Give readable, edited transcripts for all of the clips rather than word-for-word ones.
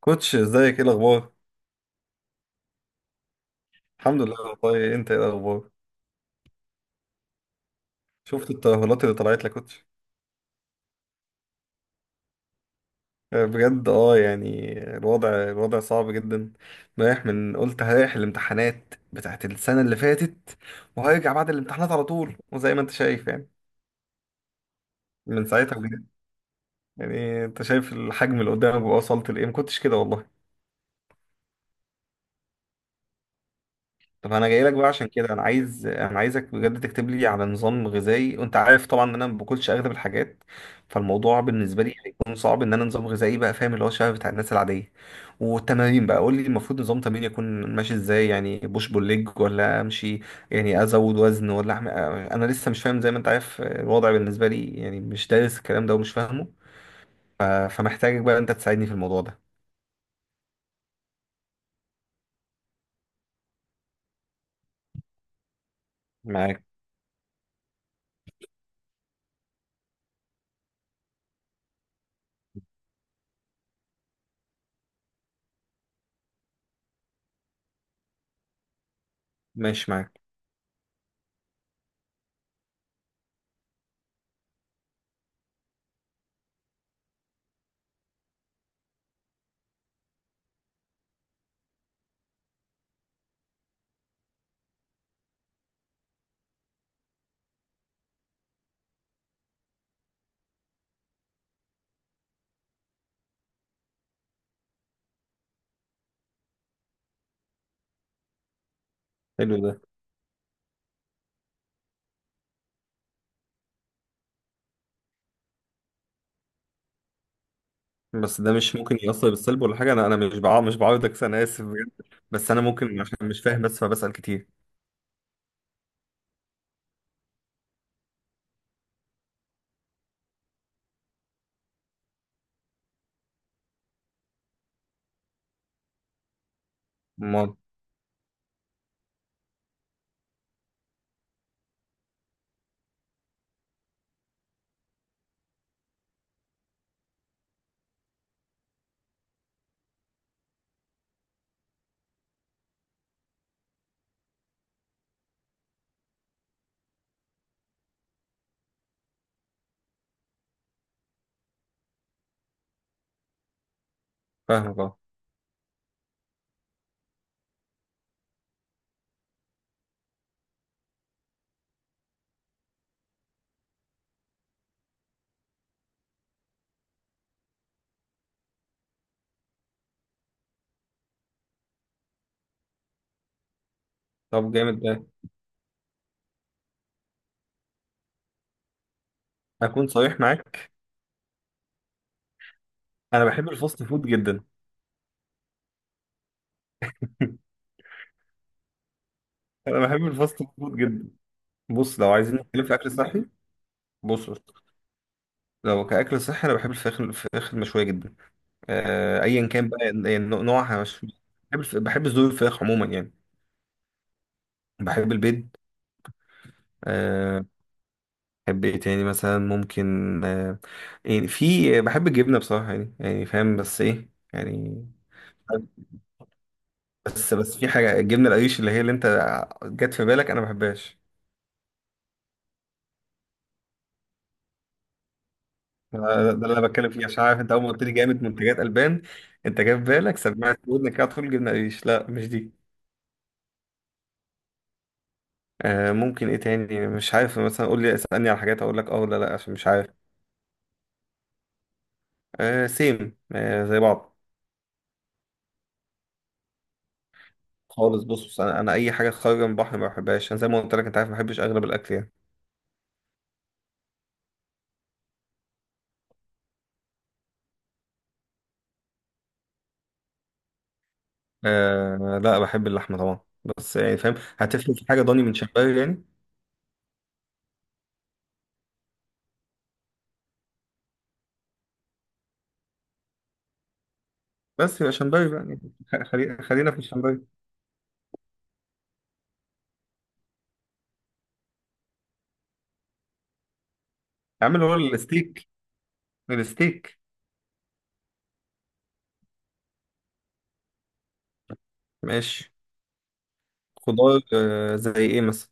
كوتش ازيك؟ ايه الاخبار؟ الحمد لله والله، انت ايه الاخبار؟ شفت الترهلات اللي طلعت لك كوتش؟ بجد اه. الوضع صعب جدا. رايح من قلت هريح الامتحانات بتاعت السنه اللي فاتت، وهرجع بعد الامتحانات على طول، وزي ما انت شايف يعني. من ساعتها بجد. يعني انت شايف الحجم اللي قدامك ووصلت لايه، ما كنتش كده والله. طب انا جاي لك بقى عشان كده، انا عايزك بجد تكتب لي على نظام غذائي، وانت عارف طبعا ان انا ما باكلش اغلب الحاجات. فالموضوع بالنسبه لي هيكون صعب ان انا نظام غذائي بقى، فاهم، اللي هو شبه بتاع الناس العاديه. والتمارين بقى قول لي المفروض نظام تمرين يكون ماشي ازاي؟ يعني بوش بول ليج ولا امشي؟ يعني ازود وزن ولا انا لسه مش فاهم، زي ما انت عارف الوضع بالنسبه لي يعني، مش دارس الكلام ده ومش فاهمه. ف- فمحتاجك بقى انت تساعدني في الموضوع ده. معاك. ماشي معاك. حلو ده. بس ده مش ممكن يأثر بالسلب ولا حاجة؟ أنا مش مش بعارضك، أنا آسف بجد. بس أنا ممكن عشان مش فاهم بس فبسأل كتير. أمال. فاهمك أه. طب جامد ده. أكون صريح معاك، أنا بحب الفاست فود جدا. أنا بحب الفاست فود جدا. بص، لو عايزين نتكلم في أكل صحي، بص بص. لو كأكل صحي، أنا بحب الفراخ المشوية جدا، أيا كان بقى، يعني نوعها مش، بحب صدور الفراخ عموما يعني. بحب البيض. آه. بحب ايه تاني مثلا؟ ممكن آه، يعني في، بحب الجبنة بصراحة يعني، يعني فاهم بس ايه يعني. بس في حاجة، الجبنة القريش اللي هي اللي انت جت في بالك، انا ما بحبهاش. ده ده اللي انا بتكلم فيه، عشان عارف انت اول ما قلت لي جامد منتجات البان، انت جاب بالك سمعت في ودنك على طول جبنة قريش. لا مش دي. آه. ممكن ايه تاني؟ مش عارف، مثلا قول لي اسألني على حاجات اقول لك اه ولا لا، عشان مش عارف. آه سيم، آه زي بعض. خالص. بص بص، انا اي حاجه خارجه من البحر ما بحبهاش انا، زي ما قلت لك، انت عارف ما بحبش اغلب الاكل يعني. آه لا، بحب اللحمة طبعا، بس يعني فاهم، هتفرق في حاجة ضاني من شمبري يعني. بس يبقى شمبري بقى يعني، خلينا في الشمبري. اعمل هو الستيك. الستيك. ماشي. خضار، آه زي ايه مثلا؟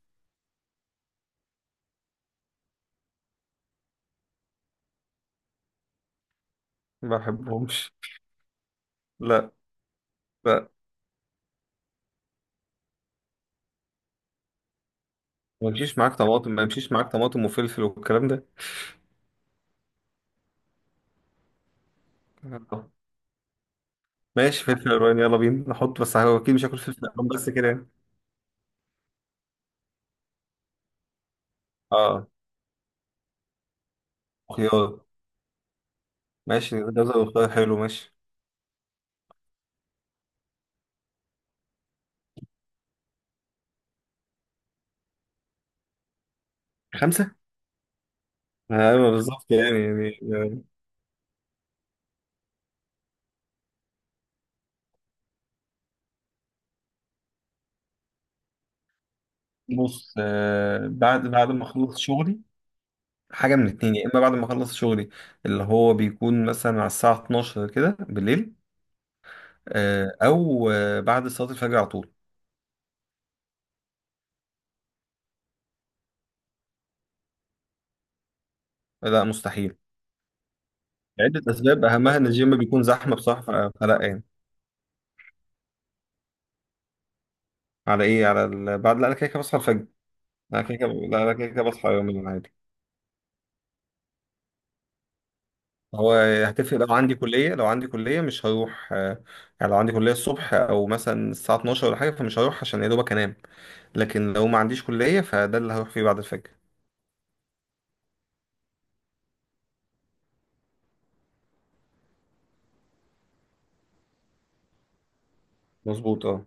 ما بحبهمش. لا لا. ما يمشيش معاك طماطم؟ ما يمشيش معاك طماطم وفلفل والكلام ده؟ آه. ماشي فلفل الوان، يلا بينا نحط، بس هو اكيد مش هاكل فلفل الوان بس كده يعني. اه. خيار. ماشي، جزر وخيار، حلو ماشي. خمسة؟ ايوه بالظبط يعني، يعني. بص، آه، بعد ما اخلص شغلي. حاجه من اتنين، يا اما بعد ما اخلص شغلي، اللي هو بيكون مثلا على الساعه 12 كده بالليل، او بعد صلاه الفجر على طول. لا مستحيل. عده اسباب اهمها ان الجيم بيكون زحمه بصراحه، فلا يعني. على ايه على ال... بعد لا انا كده كده بصحى الفجر. انا كده كده، لا انا كده كده بصحى يوميا عادي. هو هتفرق، لو عندي كليه، لو عندي كليه مش هروح، آه، يعني لو عندي كليه الصبح او مثلا الساعه 12 ولا حاجه، فمش هروح، عشان يا دوبك انام. لكن لو ما عنديش كلية فده اللي هروح فيه بعد الفجر. مظبوط اه.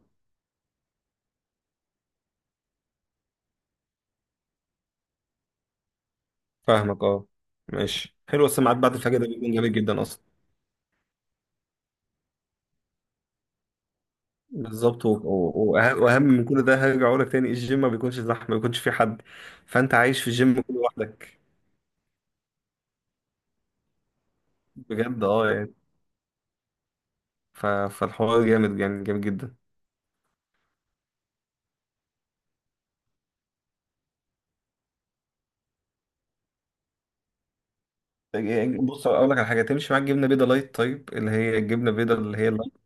فاهمك اه. ماشي حلو، السماعات بعد الفجر ده بيكون جميل جدا اصلا. بالظبط، واهم من كل ده، هرجع اقول لك تاني، الجيم ما بيكونش زحمه، ما بيكونش فيه حد، فانت عايش في الجيم كله لوحدك. بجد اه يعني. فالحوار جامد جدا. بص اقول لك على حاجه، تمشي معاك جبنه بيضه لايت طيب، اللي هي الجبنه البيضه اللي هي اللايت.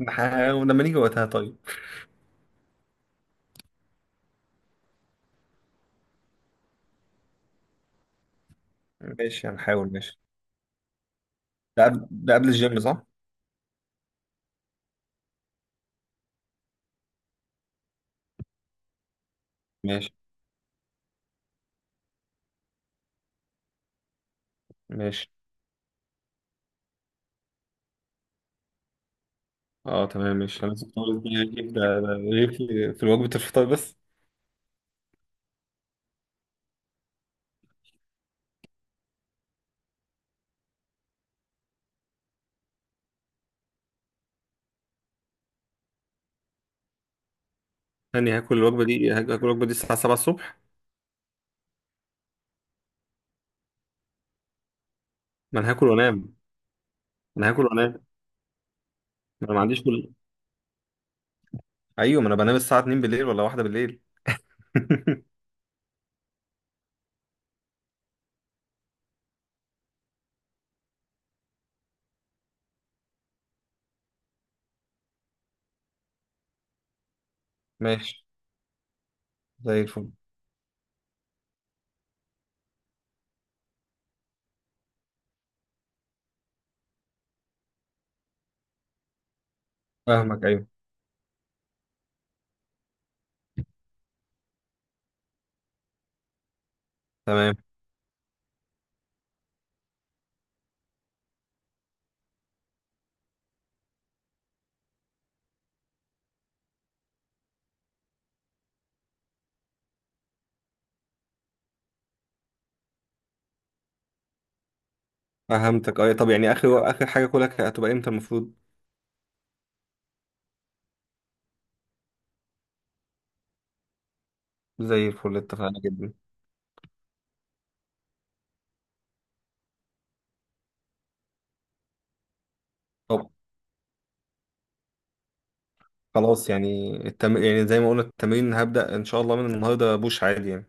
نحاول لما نيجي وقتها طيب. ماشي، هنحاول ماشي. ده، قبل ده قبل الجيم صح؟ ماشي ماشي. اه تمام، مش هنسى خالص، دي هجيب، ده ده غير في وجبة الفطار بس. هاني، هاكل الوجبة دي الساعة 7 الصبح. ما انا هاكل وانام. ما انا هاكل وانام. ما انا ما عنديش كل. ايوه ما انا بنام الساعة 2 بالليل ولا واحدة بالليل. ماشي. زي الفل. فاهمك ايوه. تمام. فهمتك ايوه. طب يعني، اخر حاجة كلها هتبقى امتى المفروض؟ زي الفل، اتفقنا جدا. طب. خلاص يعني يعني زي ما قلنا التمرين هبدأ ان شاء الله من النهارده، بوش عادي يعني.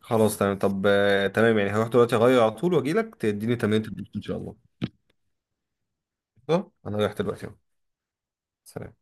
خلاص تمام. طب تمام، يعني هروح دلوقتي اغير على طول واجي لك تديني تمرين البطن ان شاء الله. صح؟ انا رايح دلوقتي أهو. سلام.